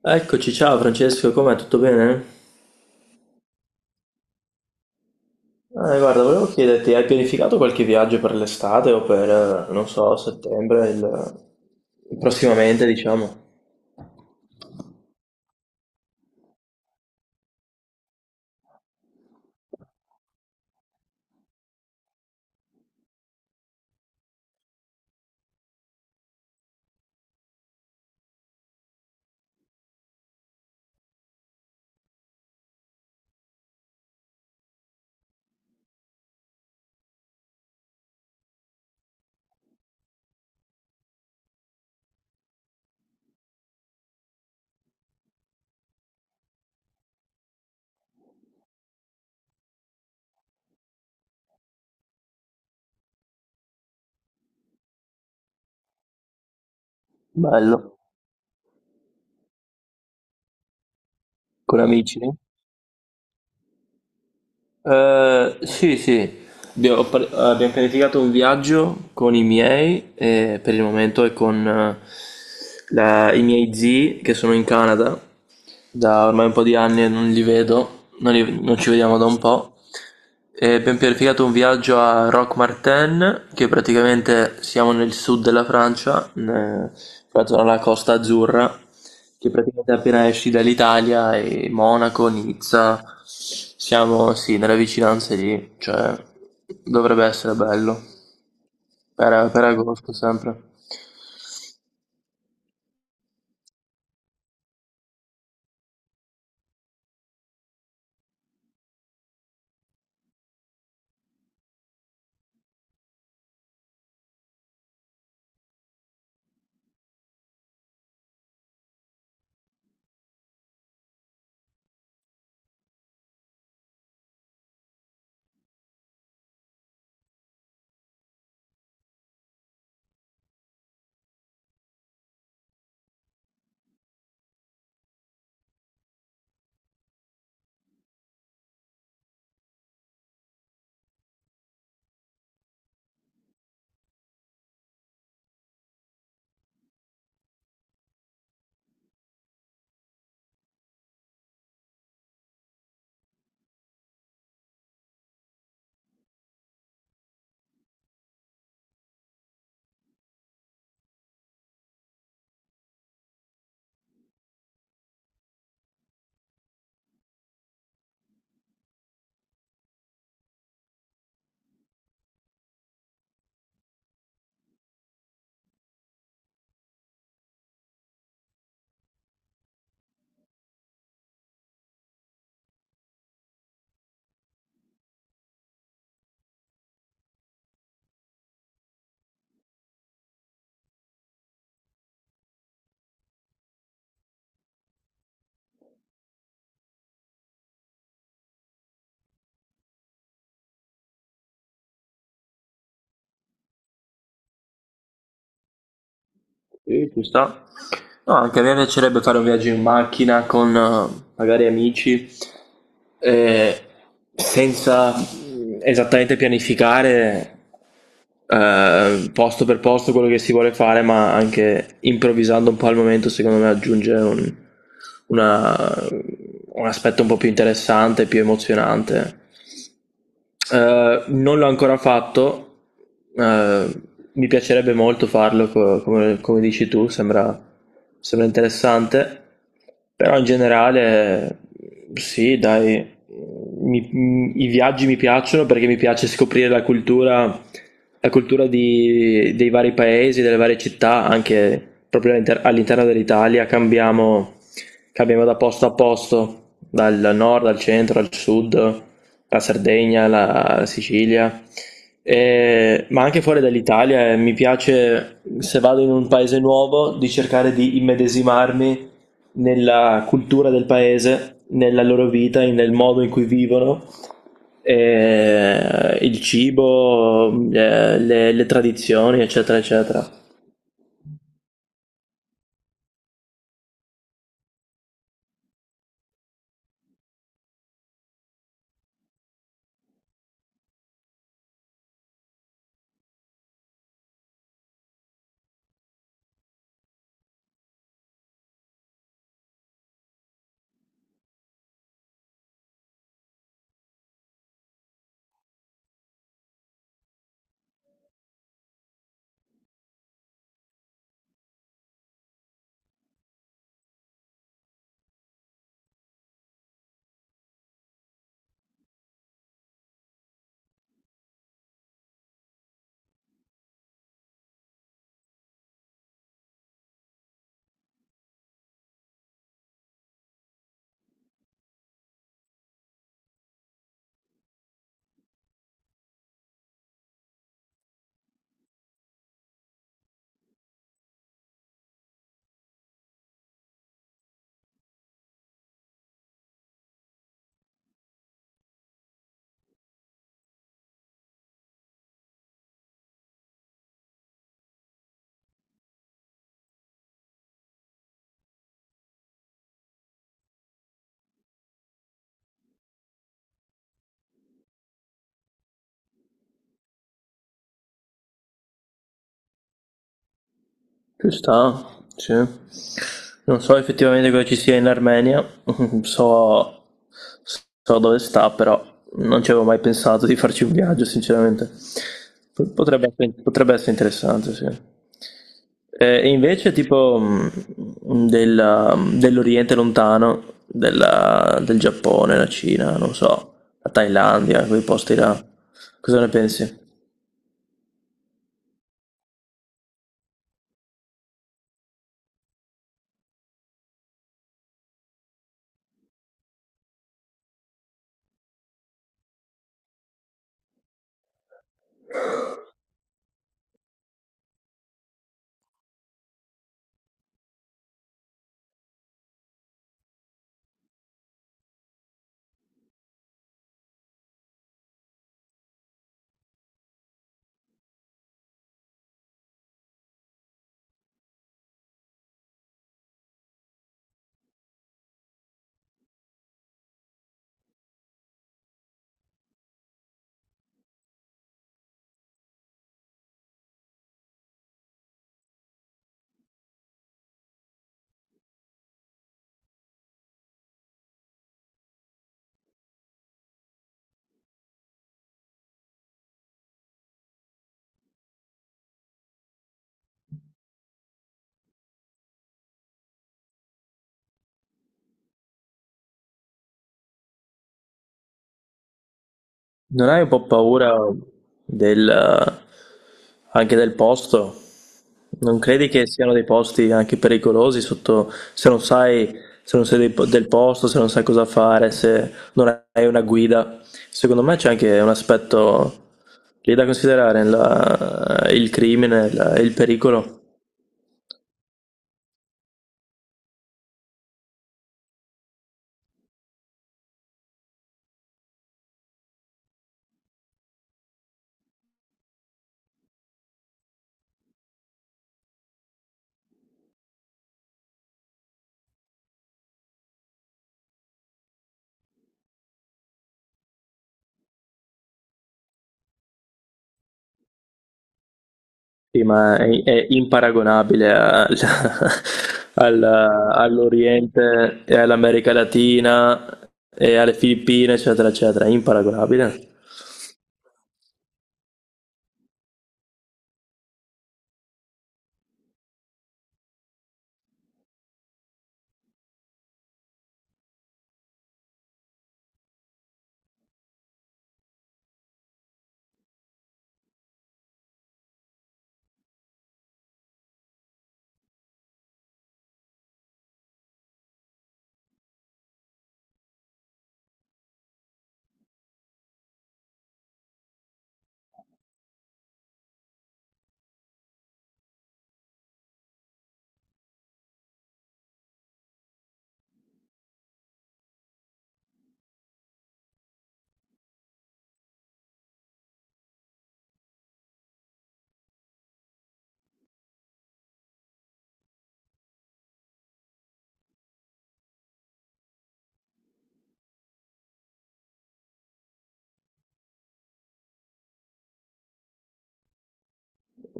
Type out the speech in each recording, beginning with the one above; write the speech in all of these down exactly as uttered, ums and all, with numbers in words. Eccoci, ciao Francesco, com'è? Tutto bene? Eh, guarda, volevo chiederti, hai pianificato qualche viaggio per l'estate o per, eh, non so, settembre, il, prossimamente, diciamo? Bello, con amici? Eh, sì, sì, De- ho pre- abbiamo pianificato un viaggio con i miei e per il momento è con eh, la- i miei zii che sono in Canada. Da ormai un po' di anni non li vedo, non, li- non ci vediamo da un po'. E abbiamo pianificato un viaggio a Roquemartin, che praticamente siamo nel sud della Francia, in- proprio alla Costa Azzurra, che praticamente appena esci dall'Italia e Monaco, Nizza, siamo sì, nelle vicinanze lì, cioè dovrebbe essere bello, per, per agosto sempre. Sì, ci sta. No, anche a me piacerebbe fare un viaggio in macchina con eh, magari amici, eh, senza mm, esattamente pianificare eh, posto per posto quello che si vuole fare, ma anche improvvisando un po' al momento, secondo me aggiunge un, una- un aspetto un po' più interessante, più emozionante. Eh, non l'ho ancora fatto, eh, mi piacerebbe molto farlo, co- come, come dici tu, sembra, sembra interessante, però in generale eh, sì, dai, mi- m- i viaggi mi piacciono perché mi piace scoprire la cultura, la cultura di- dei vari paesi, delle varie città, anche proprio all'inter- all'interno dell'Italia, cambiamo, cambiamo da posto a posto, dal nord al centro al sud, la Sardegna, la Sicilia, e- ma anche fuori dall'Italia. eh, Mi piace, se vado in un paese nuovo, di cercare di immedesimarmi nella cultura del paese, nella loro vita, in- nel modo in cui vivono, e il cibo, eh, le, le tradizioni, eccetera, eccetera. Ci sta, sì. Non so effettivamente cosa ci sia in Armenia, so, so dove sta, però non ci avevo mai pensato di farci un viaggio, sinceramente. P- Potrebbe essere- potrebbe essere interessante, sì. Eh, E invece, tipo, mh, della- dell'Oriente lontano, della- del Giappone, la Cina, non so, la Thailandia, quei posti là, cosa ne pensi? Non hai un po' paura del, eh, anche del posto? Non credi che siano dei posti anche pericolosi sotto, se non sai, se non sei dei po- del posto, se non sai cosa fare, se non hai una guida? Secondo me c'è anche un aspetto lì da considerare, la- il crimine, la- il pericolo. Sì, ma è, è imparagonabile al- al- all'Oriente e all'America Latina e alle Filippine, eccetera, eccetera. È imparagonabile.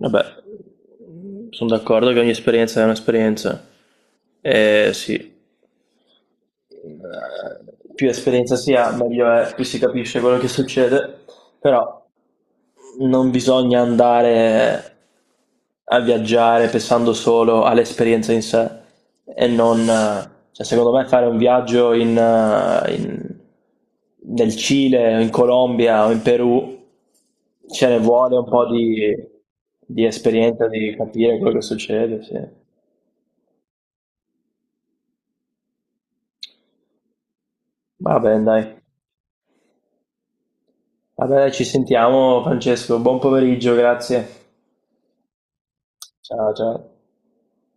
Vabbè, sono d'accordo che ogni esperienza è un'esperienza. Eh, sì, eh, più esperienza si ha, meglio è, più si capisce quello che succede, però. Non bisogna andare a viaggiare pensando solo all'esperienza in sé e non, eh, cioè, secondo me fare un viaggio in, eh, in- nel Cile o in Colombia o in Perù, ce ne vuole un po' di, di esperienza, di capire quello che succede, sì. Va bene, dai. Va bene, ci sentiamo, Francesco. Buon pomeriggio, grazie. Ciao, ciao.